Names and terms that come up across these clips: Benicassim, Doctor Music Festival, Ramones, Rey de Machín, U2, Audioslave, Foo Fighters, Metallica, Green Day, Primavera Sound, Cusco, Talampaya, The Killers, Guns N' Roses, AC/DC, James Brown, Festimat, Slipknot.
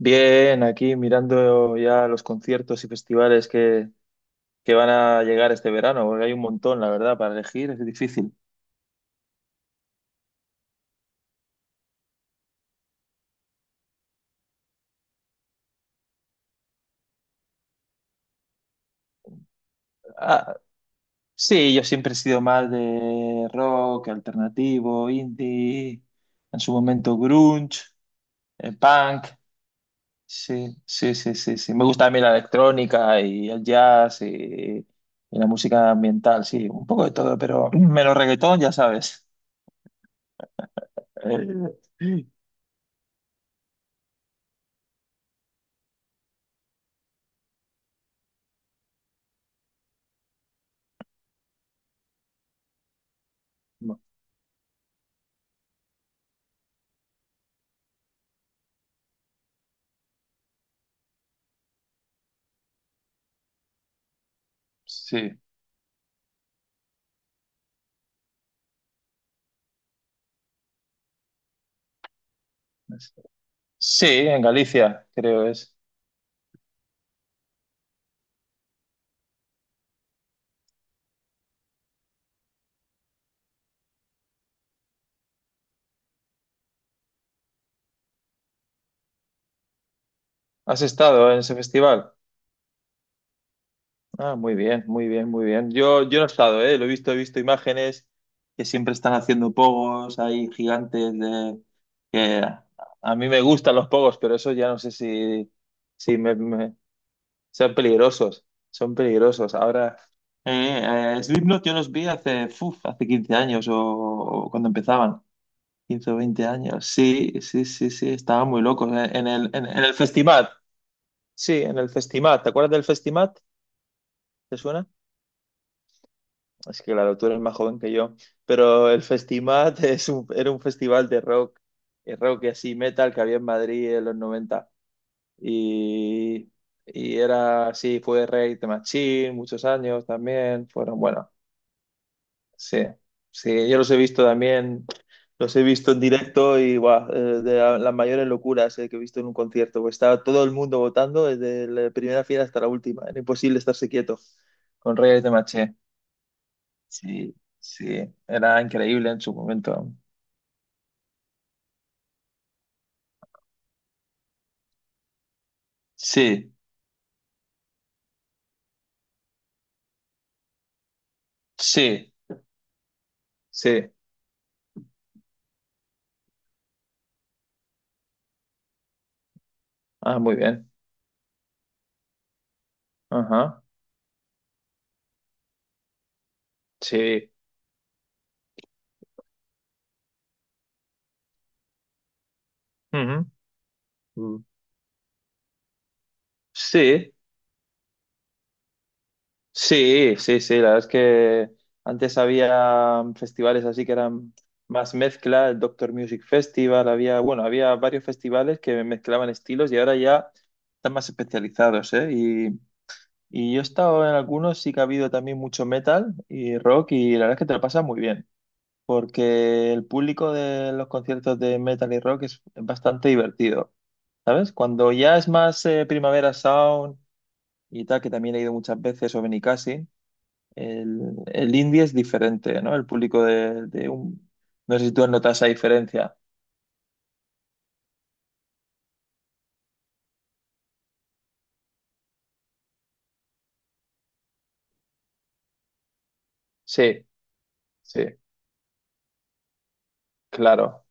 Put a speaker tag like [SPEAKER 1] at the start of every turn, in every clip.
[SPEAKER 1] Bien, aquí mirando ya los conciertos y festivales que van a llegar este verano, porque hay un montón, la verdad, para elegir, es difícil. Ah, sí, yo siempre he sido más de rock, alternativo, indie, en su momento grunge, punk. Sí, sí, sí, sí, sí. Me gusta también la electrónica y el jazz y la música ambiental, sí, un poco de todo, pero menos reggaetón, ya sabes. Eh, no, sí. Sí, en Galicia, creo es. ¿Has estado en ese festival? Ah, muy bien, muy bien, muy bien. Yo no he estado, ¿eh? Lo he visto imágenes que siempre están haciendo pogos, hay gigantes de... Que a mí me gustan los pogos, pero eso ya no sé si son peligrosos, son peligrosos. Ahora, Slipknot yo los vi hace, uf, hace 15 años o cuando empezaban. 15 o 20 años. Sí, sí, sí, sí, estaban muy locos en el festival. Sí, en el Festimat. ¿Te acuerdas del Festimat? ¿Te suena? Es que claro, tú eres más joven que yo. Pero el Festimat era un festival de rock, rock y así metal que había en Madrid en los 90. Y y era así, fue Rey de Machín muchos años también. Fueron, bueno, sí, sí, yo los he visto también, los he visto en directo y guau, las mayores locuras que he visto en un concierto, pues estaba todo el mundo votando desde la primera fila hasta la última, era imposible estarse quieto con Reyes de Maché. Sí, sí, era increíble en su momento. Sí, sí, sí. Ah, muy bien. Ajá, sí. Ujú. Mm. Sí. Sí, sí, sí, la verdad es que antes había festivales así que eran más mezcla, el Doctor Music Festival, había, bueno, había varios festivales que mezclaban estilos y ahora ya están más especializados, ¿eh? Y yo he estado en algunos, sí que ha habido también mucho metal y rock y la verdad es que te lo pasas muy bien, porque el público de los conciertos de metal y rock es bastante divertido, ¿sabes? Cuando ya es más Primavera Sound y tal, que también he ido muchas veces, o Benicassim. El indie es diferente, ¿no? El público de un... No sé si tú notas esa diferencia. Sí, sí, claro,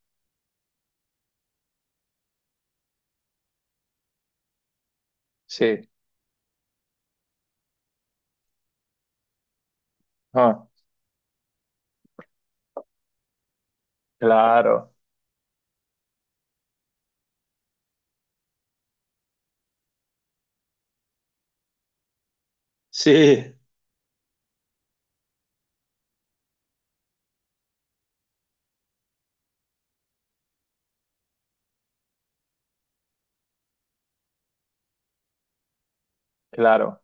[SPEAKER 1] sí. Ah, claro, sí, claro,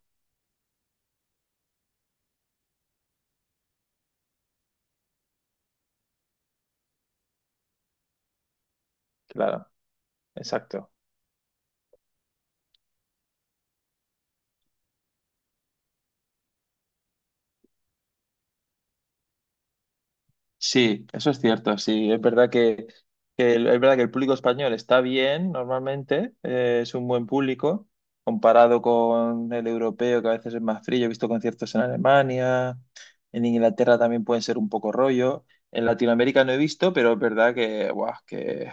[SPEAKER 1] claro, exacto. Sí, eso es cierto, sí. Es verdad que es verdad que el público español está bien normalmente, es un buen público, comparado con el europeo, que a veces es más frío. He visto conciertos en Alemania, en Inglaterra también pueden ser un poco rollo. En Latinoamérica no he visto, pero es verdad que, guau, que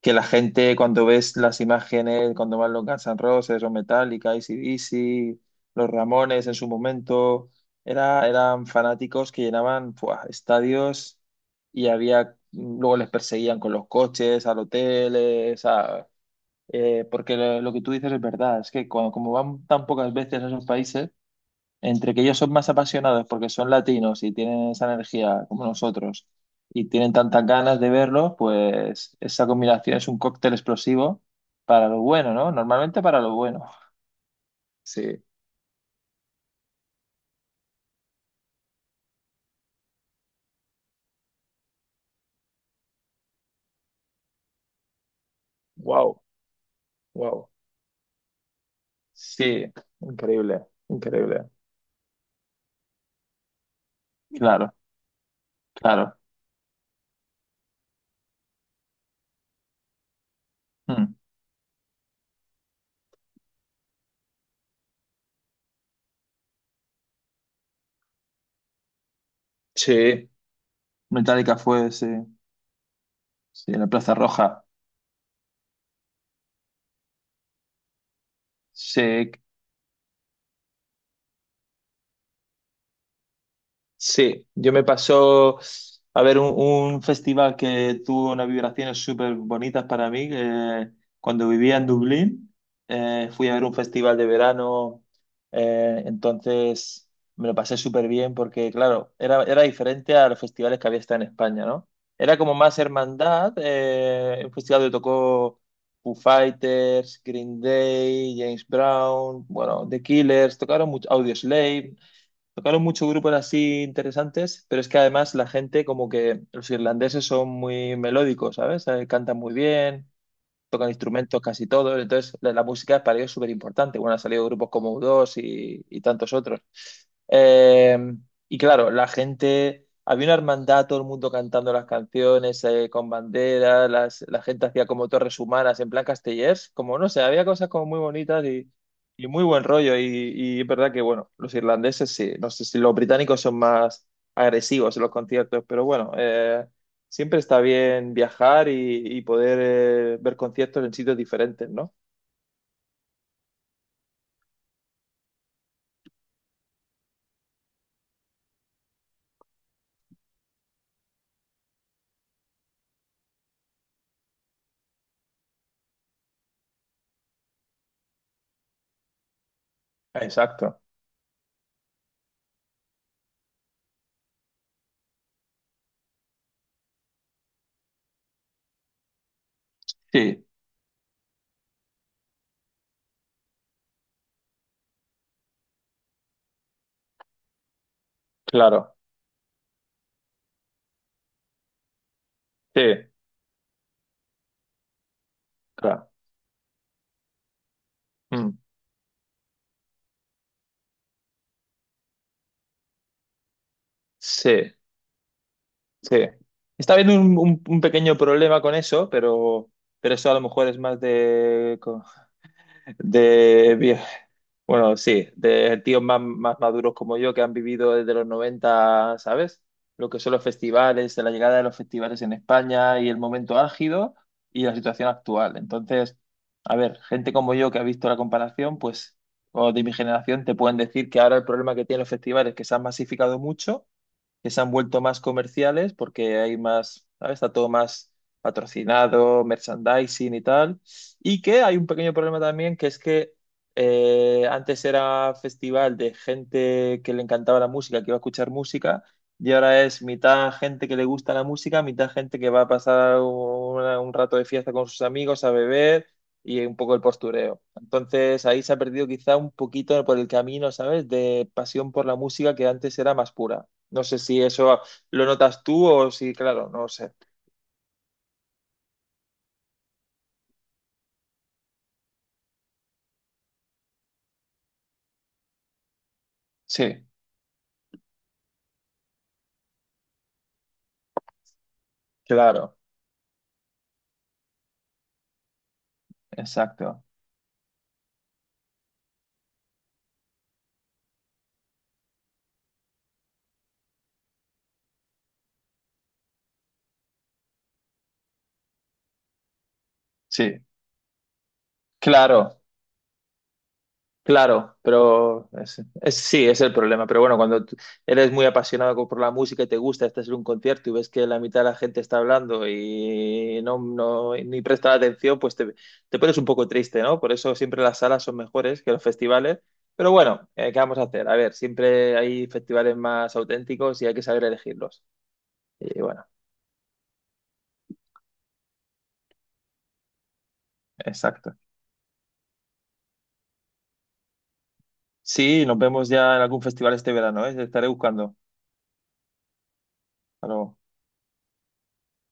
[SPEAKER 1] que la gente cuando ves las imágenes, cuando van los Guns N' Roses o Metallica, AC/DC, los Ramones en su momento, era, eran fanáticos que llenaban ¡fua! Estadios y había, luego les perseguían con los coches, al hotel, o sea, porque lo que tú dices es verdad, es que cuando, como van tan pocas veces a esos países, entre que ellos son más apasionados porque son latinos y tienen esa energía como nosotros y tienen tantas ganas de verlo, pues esa combinación es un cóctel explosivo para lo bueno, ¿no? Normalmente para lo bueno. Sí. Wow, wow. Sí. Increíble, increíble. Claro, claro. Mm. Sí, Metallica fue, sí, sí, en la Plaza Roja. Sí. Sí, yo me pasó a ver un, festival que tuvo unas vibraciones súper bonitas para mí. Que cuando vivía en Dublín, fui a ver un festival de verano, entonces me lo pasé súper bien porque, claro, era diferente a los festivales que había estado en España, ¿no? Era como más hermandad, un festival donde tocó Foo Fighters, Green Day, James Brown, bueno, The Killers, tocaron mucho, Audioslave. Tocaron muchos grupos así interesantes, pero es que además la gente, como que los irlandeses son muy melódicos, ¿sabes? Cantan muy bien, tocan instrumentos casi todos, entonces la música para ellos es súper importante. Bueno, han salido grupos como U2 y tantos otros. Eh, y claro, la gente, había una hermandad, todo el mundo cantando las canciones con banderas, la gente hacía como torres humanas en plan castellers, como no sé, había cosas como muy bonitas y muy buen rollo. Y es verdad que, bueno, los irlandeses sí, no sé si los británicos son más agresivos en los conciertos, pero bueno. Siempre está bien viajar y poder ver conciertos en sitios diferentes, ¿no? Exacto. Sí, claro. Sí, claro. Mm. Sí, sí. Está habiendo un, un pequeño problema con eso, pero eso a lo mejor es más de, vie- bueno, sí, de tíos más, más maduros como yo que han vivido desde los 90, ¿sabes? Lo que son los festivales, la llegada de los festivales en España y el momento álgido y la situación actual. Entonces, a ver, gente como yo que ha visto la comparación, pues, o de mi generación, te pueden decir que ahora el problema que tienen los festivales es que se han masificado mucho, que se han vuelto más comerciales porque hay más, ¿sabes? Está todo más patrocinado, merchandising y tal. Y que hay un pequeño problema también, que es que antes era festival de gente que le encantaba la música, que iba a escuchar música, y ahora es mitad gente que le gusta la música, mitad gente que va a pasar un rato de fiesta con sus amigos a beber. Y un poco el postureo. Entonces ahí se ha perdido quizá un poquito por el camino, ¿sabes? De pasión por la música que antes era más pura. No sé si eso lo notas tú o si, claro, no sé. Sí, claro, exacto. Sí, claro, claro, pero es- sí, es el problema. Pero bueno, cuando tú eres muy apasionado por la música y te gusta, estás en un concierto y ves que la mitad de la gente está hablando y no ni presta la atención, pues te te pones un poco triste, ¿no? Por eso siempre las salas son mejores que los festivales. Pero bueno, ¿qué vamos a hacer? A ver, siempre hay festivales más auténticos y hay que saber elegirlos. Y bueno, exacto. Sí, nos vemos ya en algún festival este verano, ¿eh? Te estaré buscando. Hasta luego.